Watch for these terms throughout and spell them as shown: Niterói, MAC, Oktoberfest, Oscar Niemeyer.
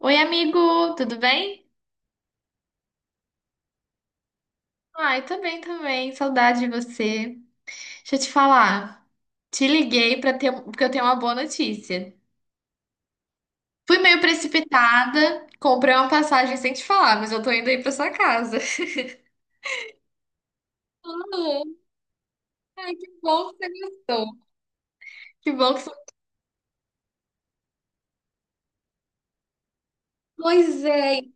Oi, amigo, tudo bem? Ai, tô bem também, saudade de você. Deixa eu te falar, te liguei para ter, porque eu tenho uma boa notícia. Fui meio precipitada, comprei uma passagem sem te falar, mas eu tô indo aí pra sua casa. Ah, ai, que bom que você gostou. Que bom que você... Pois é.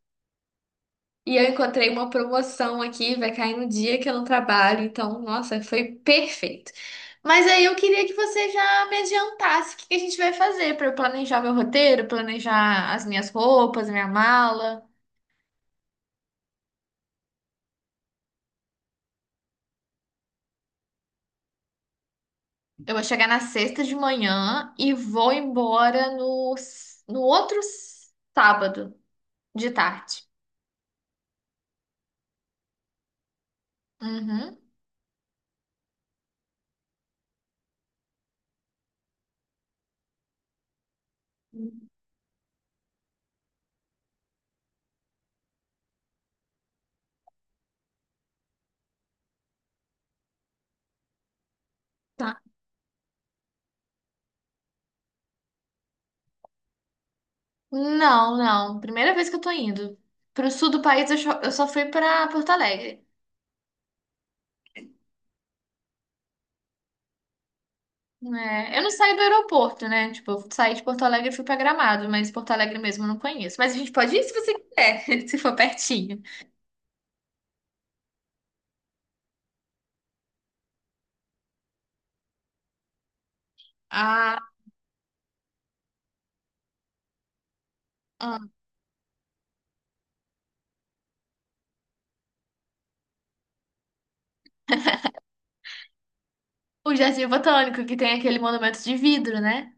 E eu encontrei uma promoção aqui, vai cair no dia que eu não trabalho, então, nossa, foi perfeito. Mas aí eu queria que você já me adiantasse o que que a gente vai fazer para eu planejar meu roteiro, planejar as minhas roupas, minha mala. Eu vou chegar na sexta de manhã e vou embora no, no outro sábado de tarde. Uhum. Tá. Não, não. Primeira vez que eu tô indo. Pro sul do país, eu só fui pra Porto Alegre. É, eu não saio do aeroporto, né? Tipo, eu saí de Porto Alegre e fui pra Gramado, mas Porto Alegre mesmo eu não conheço. Mas a gente pode ir se você quiser, se for pertinho. Ah, ah. O Jardim Botânico, que tem aquele monumento de vidro, né?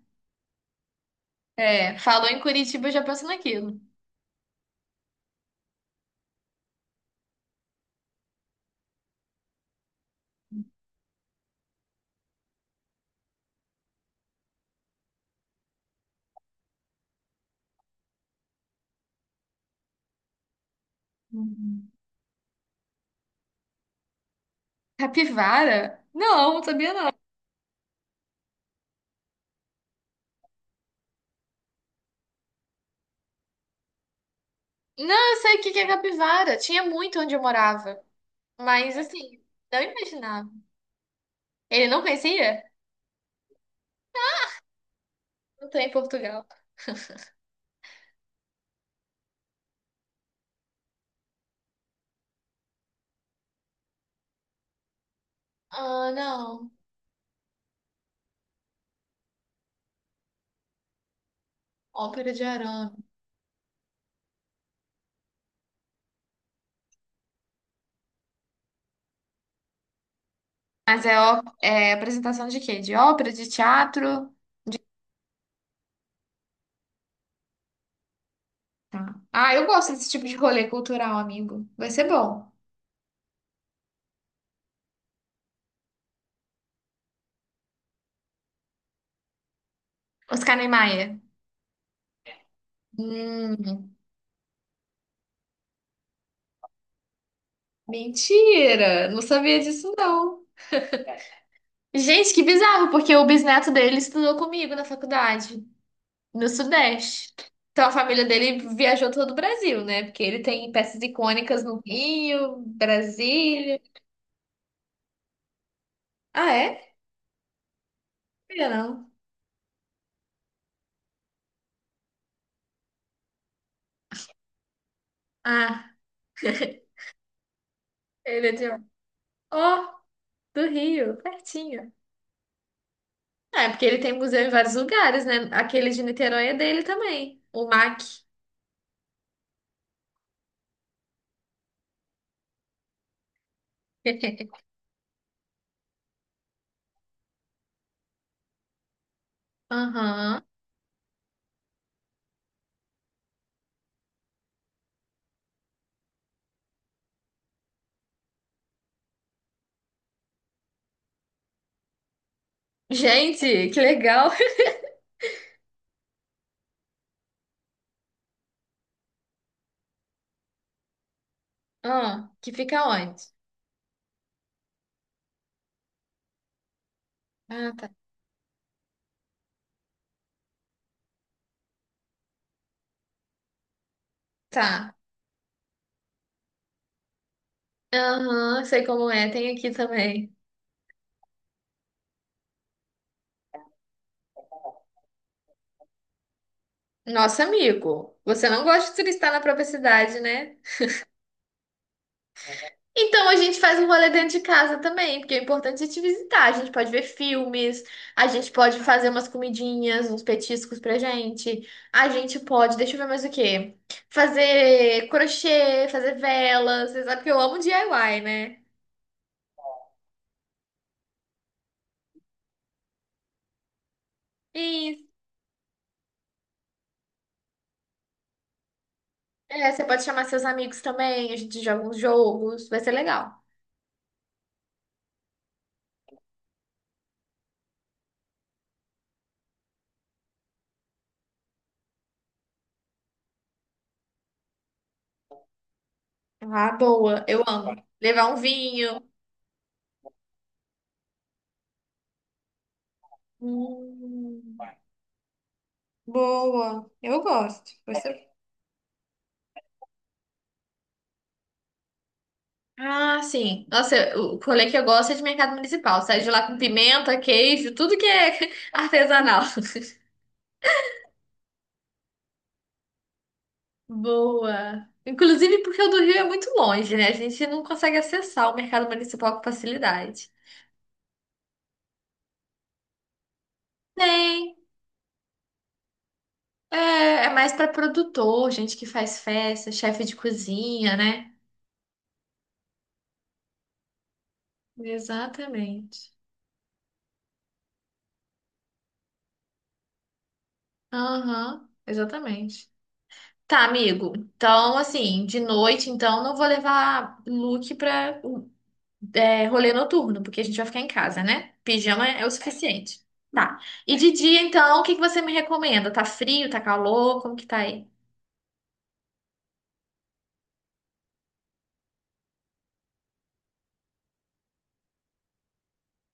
É, falou em Curitiba, eu já penso naquilo. Uhum. Capivara? Não, não sabia não. Não, eu sei o que que é capivara. Tinha muito onde eu morava. Mas, assim, não imaginava. Ele não conhecia? Não tô em Portugal. Ah, não. Ópera de arame. Mas é, é apresentação de quê? De ópera, de teatro? Tá. Ah, eu gosto desse tipo de rolê cultural, amigo. Vai ser bom. Oscar Niemeyer. Hum, mentira! Não sabia disso, não. Gente, que bizarro, porque o bisneto dele estudou comigo na faculdade, no Sudeste. Então a família dele viajou todo o Brasil, né? Porque ele tem peças icônicas no Rio, Brasília. Ah, é? Não sabia, não. Ah, ele é de... Ó, do Rio, pertinho. É, porque ele tem museu em vários lugares, né? Aquele de Niterói é dele também, o MAC. Aham. Gente, que legal. Ah, que fica onde? Ah, tá. Tá. Aham, sei como é, tem aqui também. Nosso amigo, você não gosta de turistar na própria cidade, né? Então a gente faz um rolê dentro de casa também, porque o importante é te visitar. A gente pode ver filmes, a gente pode fazer umas comidinhas, uns petiscos pra gente. A gente pode, deixa eu ver mais o quê? Fazer crochê, fazer velas. Você sabe que eu amo DIY, né? Isso. É, você pode chamar seus amigos também, a gente joga uns jogos, vai ser legal. Ah, boa. Eu amo. Levar um vinho. Hum, Boa, eu gosto. Você... Ah, sim. Nossa, o rolê que eu gosto é de mercado municipal. Sai de lá com pimenta, queijo, tudo que é artesanal. Boa. Inclusive porque o do Rio é muito longe, né? A gente não consegue acessar o mercado municipal com facilidade. Tem. É, é mais para produtor, gente que faz festa, chefe de cozinha, né? Exatamente. Aham, exatamente. Tá, amigo. Então, assim, de noite, então, não vou levar look pra é, rolê noturno, porque a gente vai ficar em casa, né? Pijama é o suficiente. Tá. E de dia, então, o que que você me recomenda? Tá frio? Tá calor? Como que tá aí?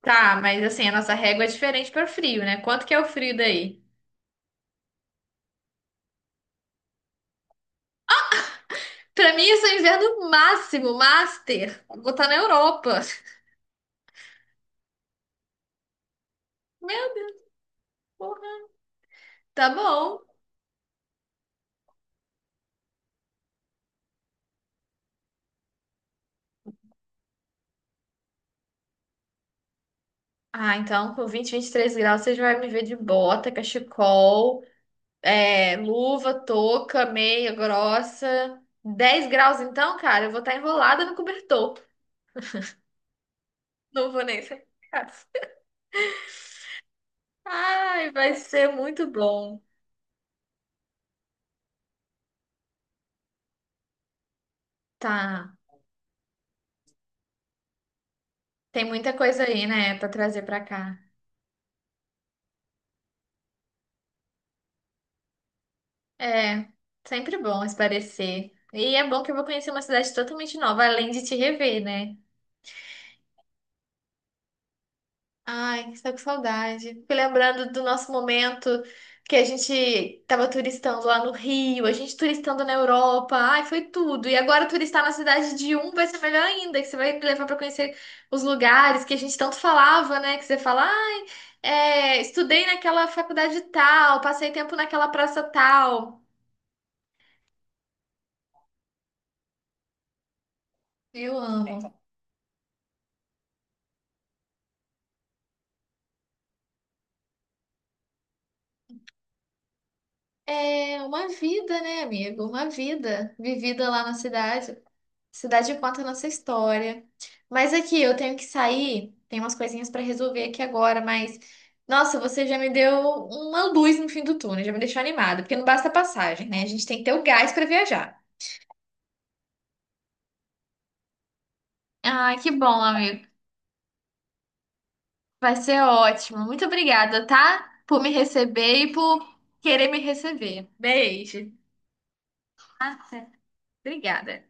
Tá, mas assim, a nossa régua é diferente para o frio, né? Quanto que é o frio daí? Pra mim, isso é inverno máximo, master. Vou estar na Europa. Meu Deus, porra. Tá bom. Ah, então, com 20, 23 graus, você já vai me ver de bota, cachecol. É, luva, touca, meia grossa. 10 graus, então, cara, eu vou estar enrolada no cobertor. Não vou nem sair de casa. Ai, vai ser muito bom. Tá. Tem muita coisa aí, né, pra trazer pra cá. É, sempre bom espairecer. E é bom que eu vou conhecer uma cidade totalmente nova, além de te rever, né? Ai, que tô com saudade. Fico lembrando do nosso momento que a gente tava turistando lá no Rio, a gente turistando na Europa. Ai, foi tudo. E agora turistar na cidade de um vai ser melhor ainda, que você vai me levar pra conhecer os lugares que a gente tanto falava, né? Que você fala, ai, é, estudei naquela faculdade tal, passei tempo naquela praça tal. Eu amo. É uma vida, né, amigo? Uma vida vivida lá na cidade. Cidade conta a nossa história. Mas aqui, eu tenho que sair, tem umas coisinhas pra resolver aqui agora, mas nossa, você já me deu uma luz no fim do túnel, já me deixou animada, porque não basta a passagem, né? A gente tem que ter o gás pra viajar. Ah, que bom, amigo. Vai ser ótimo. Muito obrigada, tá? Por me receber e por querer me receber. Beijo. Tá? Obrigada.